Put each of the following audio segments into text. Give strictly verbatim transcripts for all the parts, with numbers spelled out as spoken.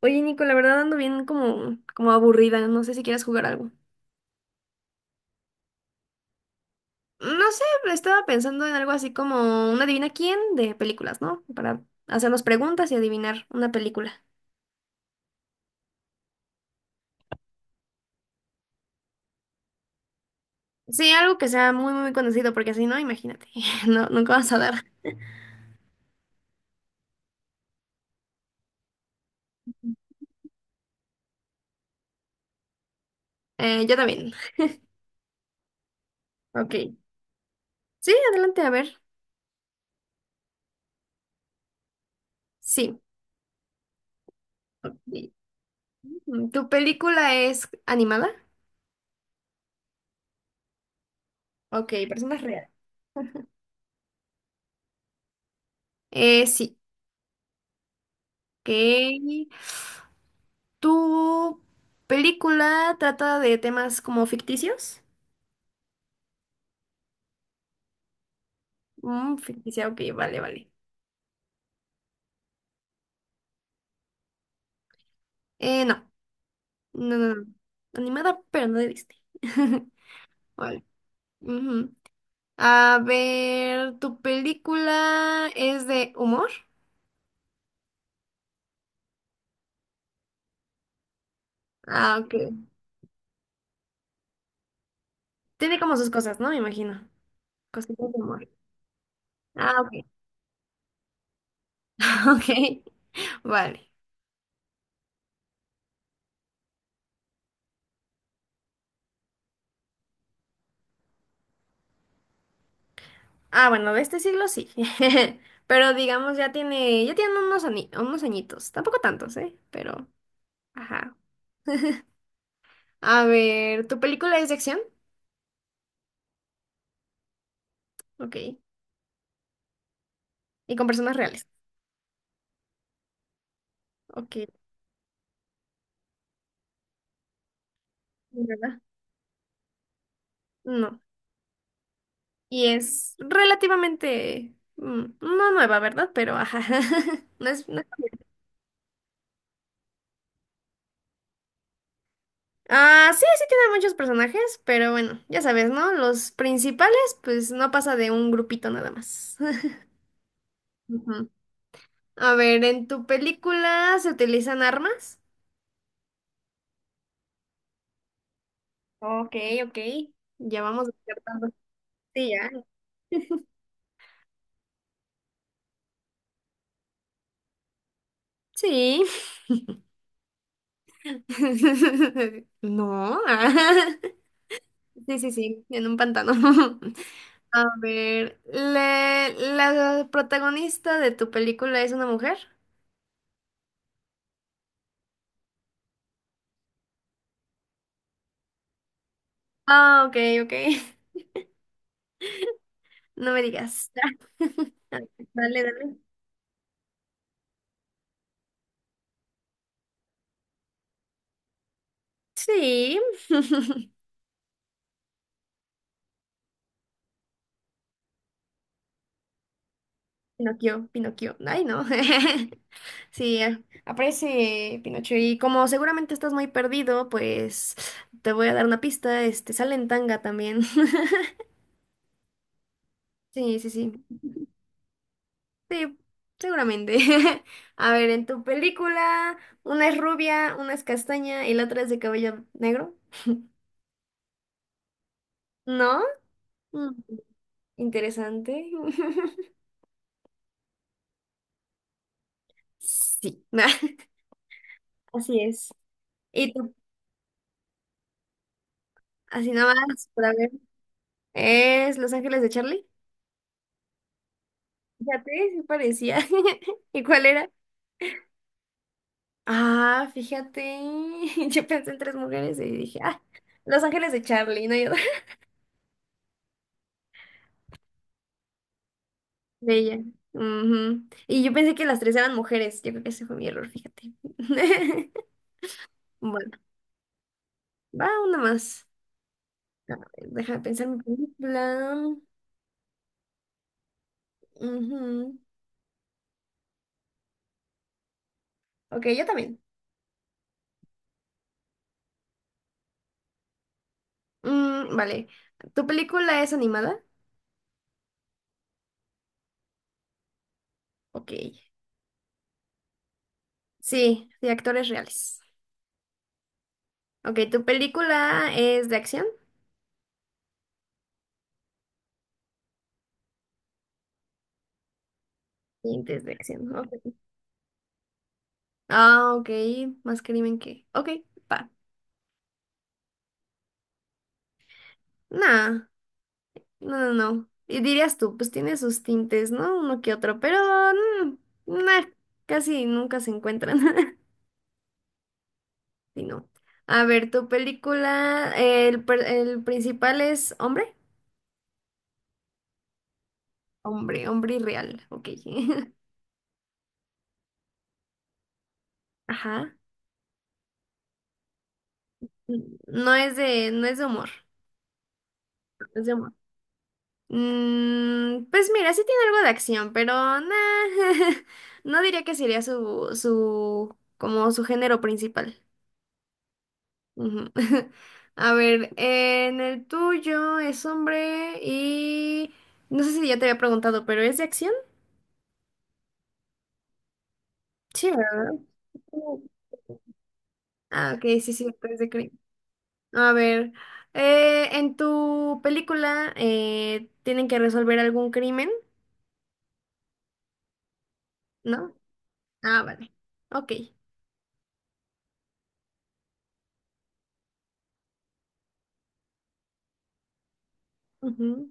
Oye, Nico, la verdad ando bien como, como aburrida. No sé si quieres jugar algo. No sé, estaba pensando en algo así como una adivina quién de películas, ¿no? Para hacernos preguntas y adivinar una película. Sí, algo que sea muy, muy conocido, porque si no, imagínate. No, nunca vas a dar. Eh, yo también. Ok. Sí, adelante, a ver. Sí. Ok. Mm, ¿Tu película es animada? Ok, personas reales. Eh, sí. Ok. ¿Tu película trata de temas como ficticios? Mm, ficticia, ok, vale, vale. Eh, no, no, no, no. Animada, pero no de Disney. Vale. Ujú. A ver, ¿tu película es de humor? Ah, ok. Tiene como sus cosas, ¿no? Me imagino. Cositas de humor. Ah, ok. Ok. Vale. Ah, bueno, de este siglo sí. Pero digamos, ya tiene, ya tiene unos, ani- unos añitos. Tampoco tantos, ¿eh? Pero, ajá. A ver, ¿tu película es de acción? Ok. Y con personas reales. Ok. Sí, ¿verdad? No. Y es relativamente, mm, no nueva, ¿verdad? Pero ajá. No es, no- Ah, sí, sí tiene muchos personajes, pero bueno, ya sabes, ¿no? Los principales, pues no pasa de un grupito nada más. Ujú. A ver, ¿en tu película se utilizan armas? Ok, ok. Ya vamos descartando. Sí, ya. Sí. No. Sí, sí, sí, en un pantano. A ver, ¿la, la protagonista de tu película es una mujer? Ah, ok, ok. No me digas. Dale, dale. Sí. Pinocchio, Pinocchio. Ay, no. Sí, eh, aparece Pinocho. Y como seguramente estás muy perdido, pues te voy a dar una pista. Este, sale en tanga también. Sí, sí, sí. Sí, seguramente. A ver, en tu película, una es rubia, una es castaña y la otra es de cabello negro. ¿No? Mm, Interesante. Sí, así es. Y tú, así nada más, para ver. ¿Es Los Ángeles de Charlie? Fíjate, sí parecía. ¿Y cuál era? Ah, fíjate. Yo pensé en tres mujeres y dije, ah, Los Ángeles de Charlie, no hay Bella. Ujú. Y yo pensé que las tres eran mujeres. Yo creo que ese fue mi error, fíjate. Bueno, va una más. A ver, deja de pensar mi película. Ujú. Ok, yo también. Mm, vale. ¿Tu película es animada? Ok. Sí, de actores reales. Ok, ¿tu película es de acción? Sí, es de acción. Ok. Ah, ok. Más crimen que. Ok, va. Nah. No, no, no. Y dirías tú, pues tiene sus tintes, ¿no? Uno que otro, pero mm, nah, casi nunca se encuentran. Sí, no. A ver, tu película, eh, el, per- el principal es hombre. Hombre, hombre real, ok. Ajá. No es de, no es de humor. No es de humor. Mm, pues mira, sí tiene algo de acción, pero nah, no diría que sería su, su, como su género principal. Ujú. A ver, en el tuyo es hombre y no sé si ya te había preguntado, pero ¿es de acción? Sí, ¿verdad? Ah, ok, sí, sí, es de crimen. A ver, eh, en tu película eh, tienen que resolver algún crimen, ¿no? Ah, vale. Ok. Ujú.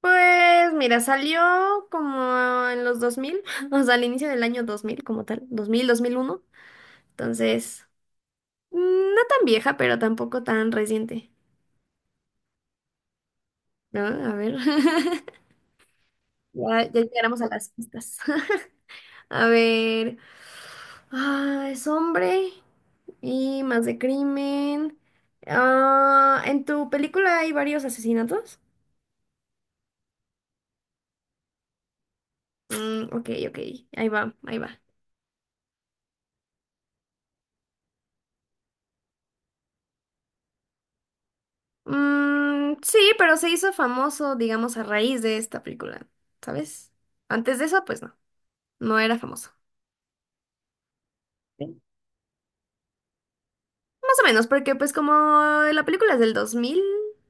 Pues mira, salió como en los dos mil o sea, al inicio del año dos mil como tal, dos dos mil dos mil uno. Entonces... Mm, no tan vieja, pero tampoco tan reciente, ¿no? A ver. Ya, ya llegaremos a las pistas. A ver. Ah, es hombre y más de crimen. Ah, ¿en tu película hay varios asesinatos? Mm, ok, ok. Ahí va, ahí va. Mm, sí, pero se hizo famoso, digamos, a raíz de esta película, ¿sabes? Antes de eso, pues no, no era famoso. Sí. Más o menos, porque pues como la película es del dos mil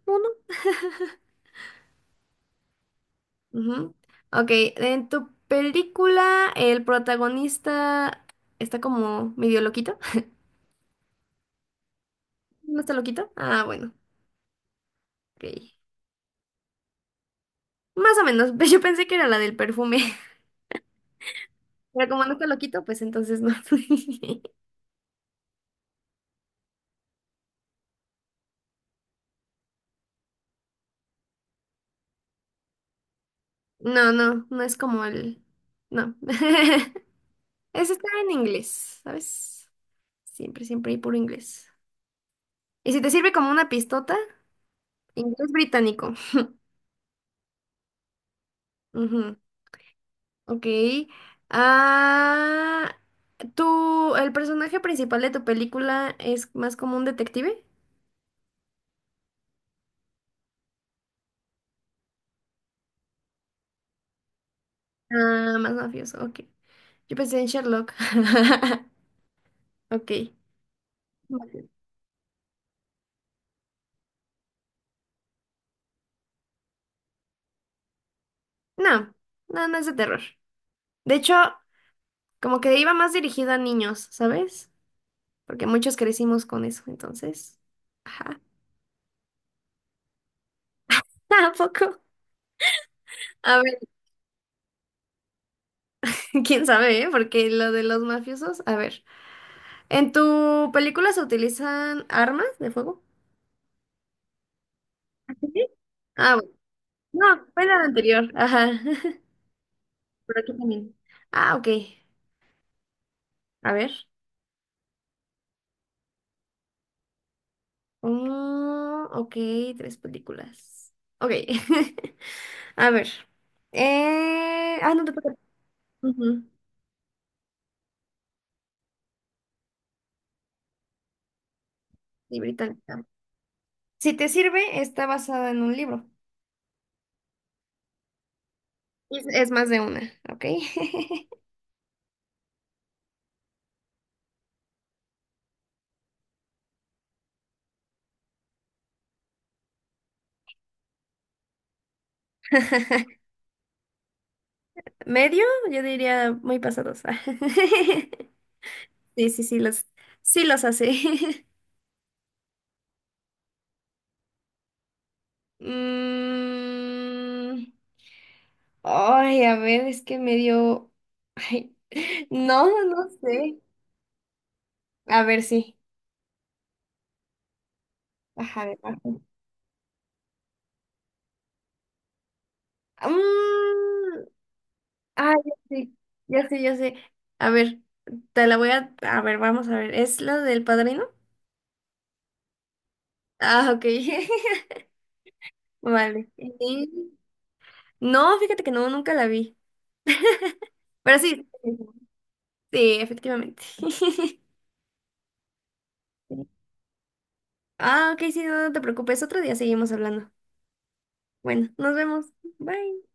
uno. Ujú. Ok, en tu película el protagonista está como medio loquito. ¿No está loquito? Ah, bueno, ok. Más o menos, yo pensé que era la del perfume, pero como no está loquito, pues entonces no. No, no, no es como el... No. Eso está en inglés, ¿sabes? Siempre, siempre hay puro inglés. Y si te sirve como una pistota, inglés británico. Ok. Ah, ¿tú, el personaje principal de tu película es más como un detective? Ah, más mafioso, ok. Yo pensé en Sherlock. Ok. Vale. No, no, no es de terror. De hecho, como que iba más dirigido a niños, ¿sabes? Porque muchos crecimos con eso, entonces. Ajá. Tampoco. A ver, quién sabe, ¿eh? Porque lo de los mafiosos. A ver, ¿en tu película se utilizan armas de fuego? Sí. Ah, bueno. No, fue la anterior. Ajá. Pero aquí también. Ah, ok. A ver. Mm, ok, tres películas. Ok. A ver. Eh, Ah, no te toca. Ujú. Sí, británica. Si te sirve, está basada en un libro. Es, es más de una, ¿ok? Medio, yo diría muy pasados. Sí, sí, sí, los, sí los hace. Mm, ay, a ver, es que me dio... Ay, no, no sé. A ver, sí. Ajá, de abajo. Mm, ay, ya sé, ya sé, ya sé. A ver, te la voy a... A ver, vamos a ver. ¿Es la del padrino? Ah, ok. Vale. Y- No, fíjate que no, nunca la vi. Pero sí, sí, efectivamente. Ah, ok, sí, no, no te preocupes. Otro día seguimos hablando. Bueno, nos vemos. Bye.